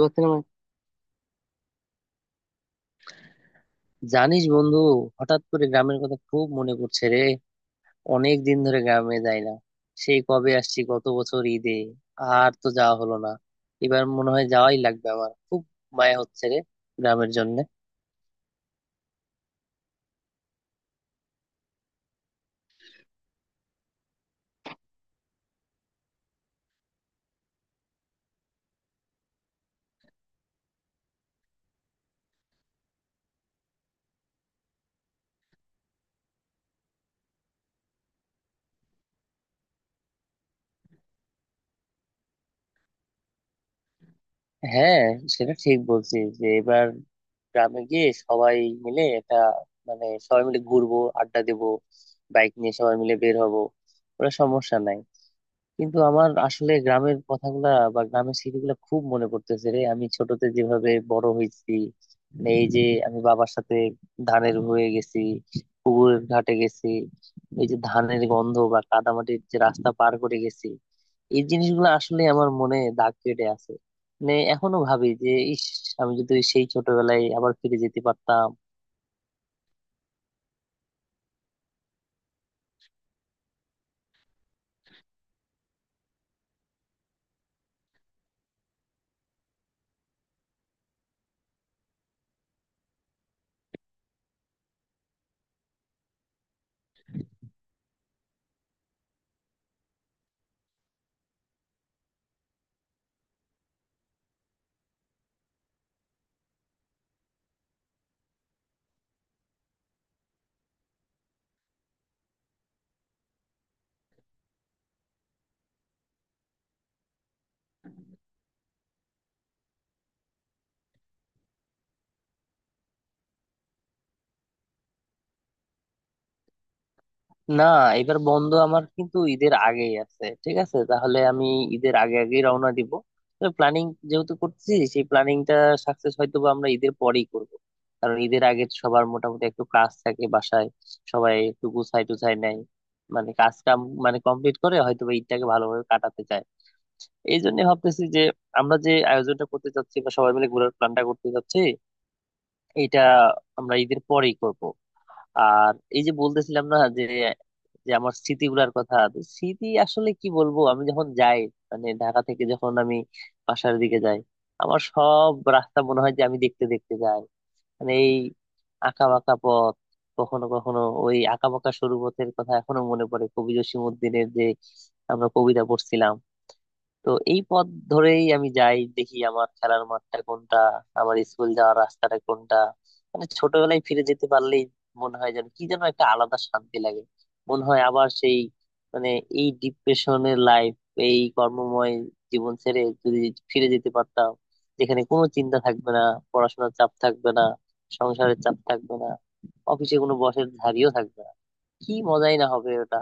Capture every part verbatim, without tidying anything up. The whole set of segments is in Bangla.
বলতে না, মানে, জানিস বন্ধু, হঠাৎ করে গ্রামের কথা খুব মনে পড়ছে রে। অনেক দিন ধরে গ্রামে যাই না। সেই কবে আসছি গত বছর ঈদে, আর তো যাওয়া হলো না। এবার মনে হয় যাওয়াই লাগবে। আমার খুব মায়া হচ্ছে রে গ্রামের জন্য। হ্যাঁ, সেটা ঠিক বলছিস যে এবার গ্রামে গিয়ে সবাই মিলে একটা, মানে সবাই মিলে ঘুরবো, আড্ডা দেবো, বাইক নিয়ে সবাই মিলে বের হবো, ওটা সমস্যা নাই। কিন্তু আমার আসলে গ্রামের কথাগুলা বা গ্রামের স্মৃতিগুলা খুব মনে পড়তেছে রে। আমি ছোটতে যেভাবে বড় হয়েছি, মানে এই যে আমি বাবার সাথে ধানের হয়ে গেছি, পুকুরের ঘাটে গেছি, এই যে ধানের গন্ধ বা কাদামাটির যে রাস্তা পার করে গেছি, এই জিনিসগুলো আসলে আমার মনে দাগ কেটে আছে। মানে এখনো ভাবি যে ইস, আমি যদি সেই ছোটবেলায় আবার ফিরে যেতে পারতাম। না, এবার বন্ধ আমার কিন্তু ঈদের আগেই আছে। ঠিক আছে, তাহলে আমি ঈদের আগে আগেই রওনা দিব। প্ল্যানিং যেহেতু করতেছি, সেই প্ল্যানিংটা সাকসেস হয়তো বা আমরা ঈদের পরেই করব। কারণ ঈদের আগে তো সবার মোটামুটি একটু কাজ থাকে বাসায়, সবাই একটু গুছাই টুছাই নেয়, মানে কাজ কাম মানে কমপ্লিট করে হয়তো বা ঈদটাকে ভালোভাবে কাটাতে চায়। এই জন্য ভাবতেছি যে আমরা যে আয়োজনটা করতে চাচ্ছি বা সবাই মিলে ঘোরার প্ল্যানটা করতে চাচ্ছি, এটা আমরা ঈদের পরেই করব। আর এই যে বলতেছিলাম না যে যে আমার স্মৃতিগুলার কথা, তো স্মৃতি আসলে কি বলবো, আমি যখন যাই, মানে ঢাকা থেকে যখন আমি বাসার দিকে যাই, আমার সব রাস্তা মনে হয় যে আমি দেখতে দেখতে যাই। মানে এই আঁকা বাঁকা পথ, কখনো কখনো ওই আঁকা বাঁকা সরু পথের কথা এখনো মনে পড়ে কবি জসিম উদ্দিনের, যে আমরা কবিতা পড়ছিলাম। তো এই পথ ধরেই আমি যাই, দেখি আমার খেলার মাঠটা কোনটা, আমার স্কুল যাওয়ার রাস্তাটা কোনটা। মানে ছোটবেলায় ফিরে যেতে পারলেই মনে হয় যেন কি যেন একটা আলাদা শান্তি লাগে। মনে হয় আবার সেই, মানে এই ডিপ্রেশনের লাইফ, এই কর্মময় জীবন ছেড়ে যদি ফিরে যেতে পারতাম, যেখানে কোনো চিন্তা থাকবে না, পড়াশোনার চাপ থাকবে না, সংসারের চাপ থাকবে না, অফিসে কোনো বসের ঝাড়িও থাকবে না, কি মজাই না হবে ওটা।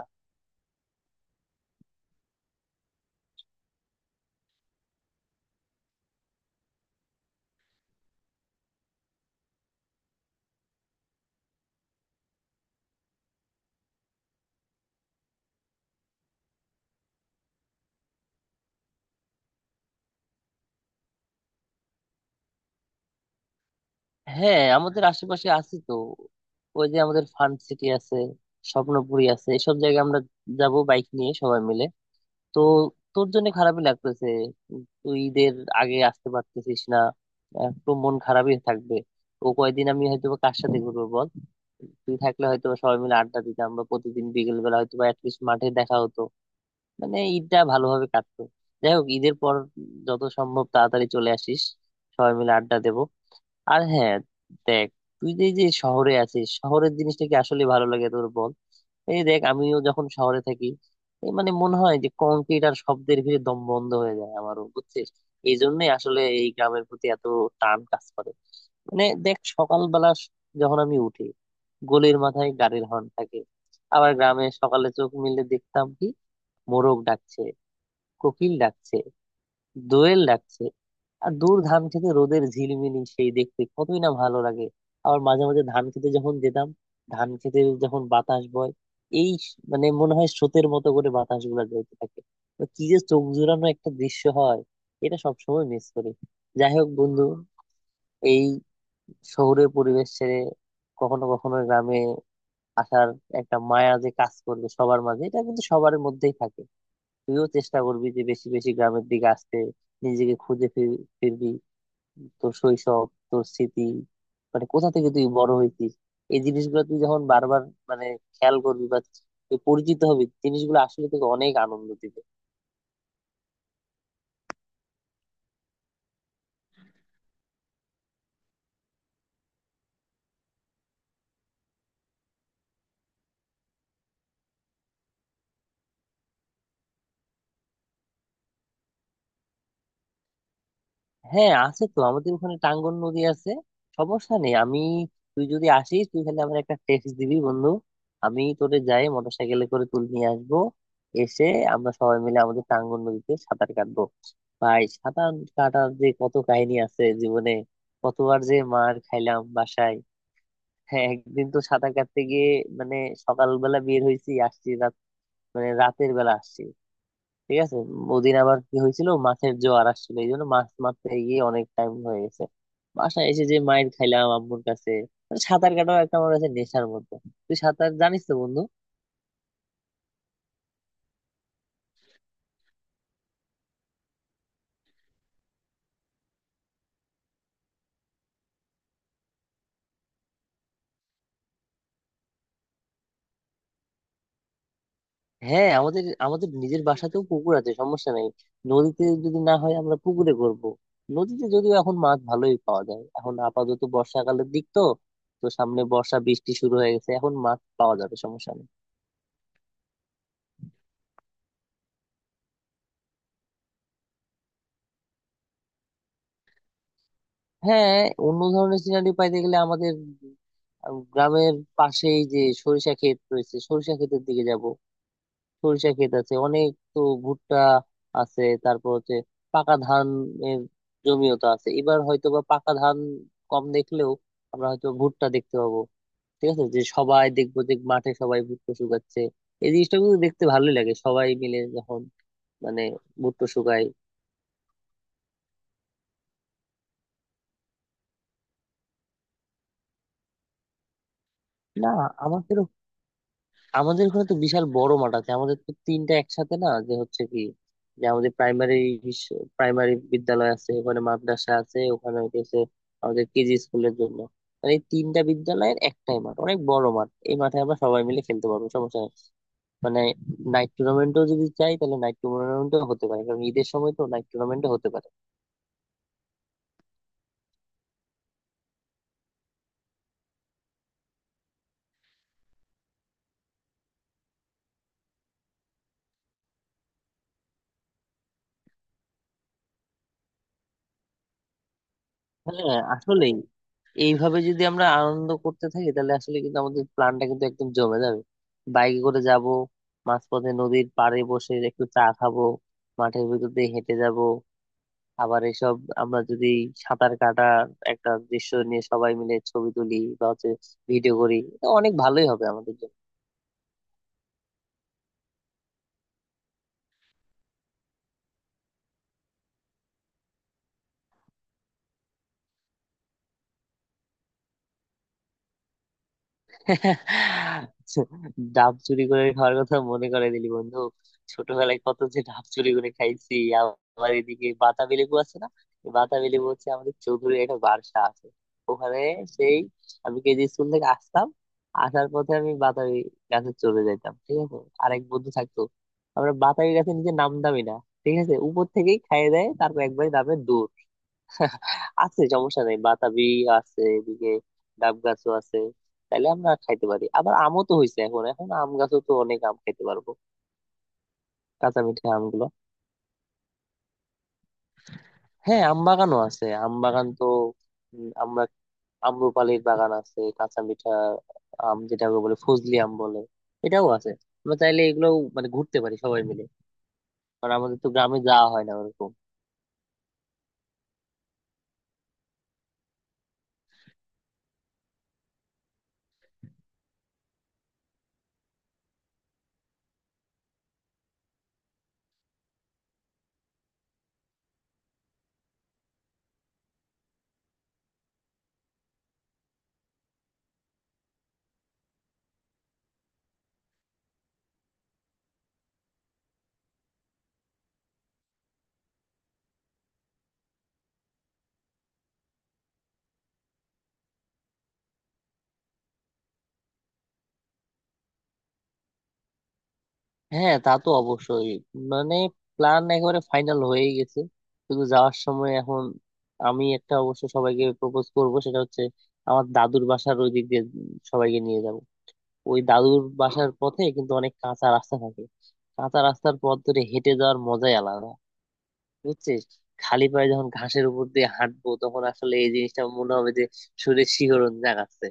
হ্যাঁ, আমাদের আশেপাশে আছে তো। ওই যে আমাদের ফান সিটি আছে, স্বপ্নপুরী আছে, এসব জায়গায় আমরা যাব বাইক নিয়ে সবাই মিলে। তো তোর জন্য খারাপই লাগতেছে, তুই ঈদের আগে আসতে পারতেছিস না। একটু মন খারাপই থাকবে। ও কয়দিন আমি হয়তো বা কার সাথে ঘুরবো বল। তুই থাকলে হয়তো বা সবাই মিলে আড্ডা দিতাম বা প্রতিদিন বিকেল বেলা হয়তো বা অ্যাটলিস্ট মাঠে দেখা হতো, মানে ঈদটা ভালোভাবে কাটতো। যাই হোক, ঈদের পর যত সম্ভব তাড়াতাড়ি চলে আসিস, সবাই মিলে আড্ডা দেবো। আর হ্যাঁ, দেখ, তুই যে এই যে শহরে আছিস, শহরের জিনিসটা কি আসলে ভালো লাগে তোর বল। এই দেখ, আমিও যখন শহরে থাকি, এই মানে মনে হয় যে কংক্রিট আর শব্দের ভিড়ে দম বন্ধ হয়ে যায় আমারও, বুঝছিস। এই জন্যই আসলে এই গ্রামের প্রতি এত টান কাজ করে। মানে দেখ, সকালবেলা স- যখন আমি উঠি, গলির মাথায় গাড়ির হর্ন থাকে। আবার গ্রামে সকালে চোখ মিলে দেখতাম কি, মোরগ ডাকছে, কোকিল ডাকছে, দোয়েল ডাকছে, আর দূর ধান খেতে রোদের ঝিলমিলি, সেই দেখতে কতই না ভালো লাগে। আবার মাঝে মাঝে ধান খেতে যখন যেতাম, ধান খেতে যখন বাতাস বয়, এই স- মানে মনে হয় স্রোতের মতো করে বাতাস গুলা বইতে থাকে। তো কি যে চোখ জুড়ানো একটা দৃশ্য হয়, এটা সবসময় মিস করি। যাই হোক বন্ধু, এই শহুরে পরিবেশ ছেড়ে কখনো কখনো গ্রামে আসার একটা মায়া যে কাজ করবে সবার মাঝে, এটা কিন্তু সবার মধ্যেই থাকে। তুইও চেষ্টা করবি যে বেশি বেশি গ্রামের দিকে আসতে, নিজেকে খুঁজে ফির- ফিরবি। তোর শৈশব, তোর স্মৃতি, মানে কোথা থেকে তুই বড় হইতিস, এই জিনিসগুলো তুই যখন বারবার, মানে খেয়াল করবি বা তুই পরিচিত হবি, জিনিসগুলো আসলে তোকে অনেক আনন্দ দিবে। হ্যাঁ, আছে তো, আমাদের ওখানে টাঙ্গন নদী আছে, সমস্যা নেই। আমি, তুই যদি আসিস তুই খালি আমার একটা টেক্সট দিবি বন্ধু, আমি তোরে যাই মোটরসাইকেলে করে তুলে নিয়ে আসবো। এসে আমরা সবাই মিলে আমাদের টাঙ্গন নদীতে সাঁতার কাটবো। ভাই, সাঁতার কাটার যে কত কাহিনী আছে জীবনে, কতবার যে মার খাইলাম বাসায়। হ্যাঁ, একদিন তো সাঁতার কাটতে গিয়ে, মানে সকালবেলা বের হয়েছি, আসছি রাত, মানে রাতের বেলা আসছি, ঠিক আছে। ওদিন আবার কি হয়েছিল, মাছের জোয়ার আসছিল, এই জন্য মাছ মারতে গিয়ে অনেক টাইম হয়ে গেছে, বাসায় এসে যে মাইর খাইলাম আম্মুর কাছে। মানে সাঁতার কাটাও একটা আমার কাছে নেশার মতো। তুই সাঁতার জানিস তো বন্ধু? হ্যাঁ, আমাদের আমাদের নিজের বাসাতেও পুকুর আছে, সমস্যা নেই। নদীতে যদি না হয় আমরা পুকুরে করব। নদীতে যদিও এখন মাছ ভালোই পাওয়া যায়, এখন আপাতত বর্ষাকালের দিক তো। তো সামনে বর্ষা বৃষ্টি শুরু হয়ে গেছে, এখন মাছ পাওয়া যাবে, সমস্যা নেই। হ্যাঁ, অন্য ধরনের সিনারি পাইতে গেলে আমাদের আহ, গ্রামের পাশেই যে সরিষা ক্ষেত রয়েছে, সরিষা ক্ষেতের দিকে যাব। সরিষা ক্ষেত আছে অনেক, তো ভুট্টা আছে, তারপর হচ্ছে পাকা ধান, এর জমিও তো আছে। এবার হয়তো বা পাকা ধান কম দেখলেও আমরা হয়তো ভুট্টা দেখতে পাবো। ঠিক আছে, যে সবাই দেখবো যে মাঠে সবাই ভুট্টা শুকাচ্ছে, এই জিনিসটা কিন্তু দেখতে ভালোই লাগে সবাই মিলে যখন, মানে ভুট্টা শুকায়। না, আমার আমাদের এখানে তো বিশাল বড় মাঠ আছে। আমাদের তো তিনটা একসাথে, না যে হচ্ছে কি, যে আমাদের প্রাইমারি প্রাইমারি বিদ্যালয় আছে, ওখানে মাদ্রাসা আছে, ওখানে হচ্ছে আমাদের কেজি স্কুলের জন্য, মানে এই তিনটা বিদ্যালয়ের একটাই মাঠ, অনেক বড় মাঠ। এই মাঠে আমরা সবাই মিলে খেলতে পারবো, সমস্যা নেই। মানে নাইট টুর্নামেন্টও যদি চাই তাহলে নাইট টুর্নামেন্টও হতে পারে, কারণ ঈদের সময় তো নাইট টুর্নামেন্টও হতে পারে। হ্যাঁ, আসলেই এইভাবে যদি আমরা আনন্দ করতে থাকি, তাহলে আসলে কিন্তু আমাদের প্ল্যানটা কিন্তু একদম জমে যাবে। বাইকে করে যাব, মাঝপথে নদীর পাড়ে বসে একটু চা খাবো, মাঠের ভিতর দিয়ে হেঁটে যাব। আবার এসব, আমরা যদি সাঁতার কাটার একটা দৃশ্য নিয়ে সবাই মিলে ছবি তুলি বা হচ্ছে ভিডিও করি, এটা অনেক ভালোই হবে আমাদের জন্য। ডাব চুরি করে খাওয়ার কথা মনে করে দিলি বন্ধু, ছোটবেলায় কত যে ডাব চুরি করে খাইছি। আবার এদিকে বাতাবি লেবু আছে না, এই বাতাবি লেবু হচ্ছে, আমাদের চৌধুরীর একটা বাসা আছে ওখানে, সেই আমি কেজি স্কুল থেকে আসতাম, আসার পথে আমি বাতাবি গাছে চলে যাইতাম, ঠিক আছে। আরেক বন্ধু থাকতো, আমরা বাতাবি গাছে নিজে নামতামই না, ঠিক আছে, উপর থেকেই খাইয়ে দেয়, তারপর একবারে নামে দৌড়। আছে, সমস্যা নেই, বাতাবি আছে এদিকে, ডাব গাছও আছে, তাইলে আমরা খাইতে পারি। আবার আমও তো হয়েছে এখন, এখন আম গাছও তো অনেক, আম খাইতে পারবো কাঁচা মিঠা আমগুলো। হ্যাঁ, আম বাগানও আছে, আম বাগান তো, উম, আমরা, আম্রপালির বাগান আছে, কাঁচা মিঠা আম, যেটা বলে ফজলি আম বলে, এটাও আছে। আমরা চাইলে এগুলো, মানে ঘুরতে পারি সবাই মিলে, কারণ আমাদের তো গ্রামে যাওয়া হয় না ওরকম। হ্যাঁ, তা তো অবশ্যই, মানে প্ল্যান একেবারে ফাইনাল হয়ে গেছে, শুধু যাওয়ার সময় এখন। আমি একটা অবশ্য সবাইকে প্রপোজ করব, সেটা হচ্ছে আমার দাদুর বাসার ওই দিক দিয়ে সবাইকে নিয়ে যাব। ওই দাদুর বাসার পথে কিন্তু অনেক কাঁচা রাস্তা থাকে, কাঁচা রাস্তার পথ ধরে হেঁটে যাওয়ার মজাই আলাদা, বুঝছিস। খালি পায়ে যখন ঘাসের উপর দিয়ে হাঁটবো, তখন আসলে এই জিনিসটা মনে হবে যে শরীরে শিহরণ জাগাচ্ছে।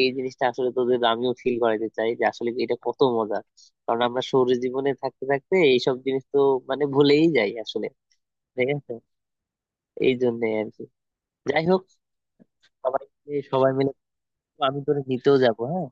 এই জিনিসটা আসলে তোদের আমিও ফিল করাতে চাই, যে আসলে এটা কত মজা, কারণ আমরা শহুরে জীবনে থাকতে থাকতে এইসব জিনিস তো, মানে ভুলেই যাই আসলে, ঠিক আছে, এই জন্য আর কি। যাই হোক, সবাই সবাই মিলে, আমি তোরে নিতেও যাবো, হ্যাঁ।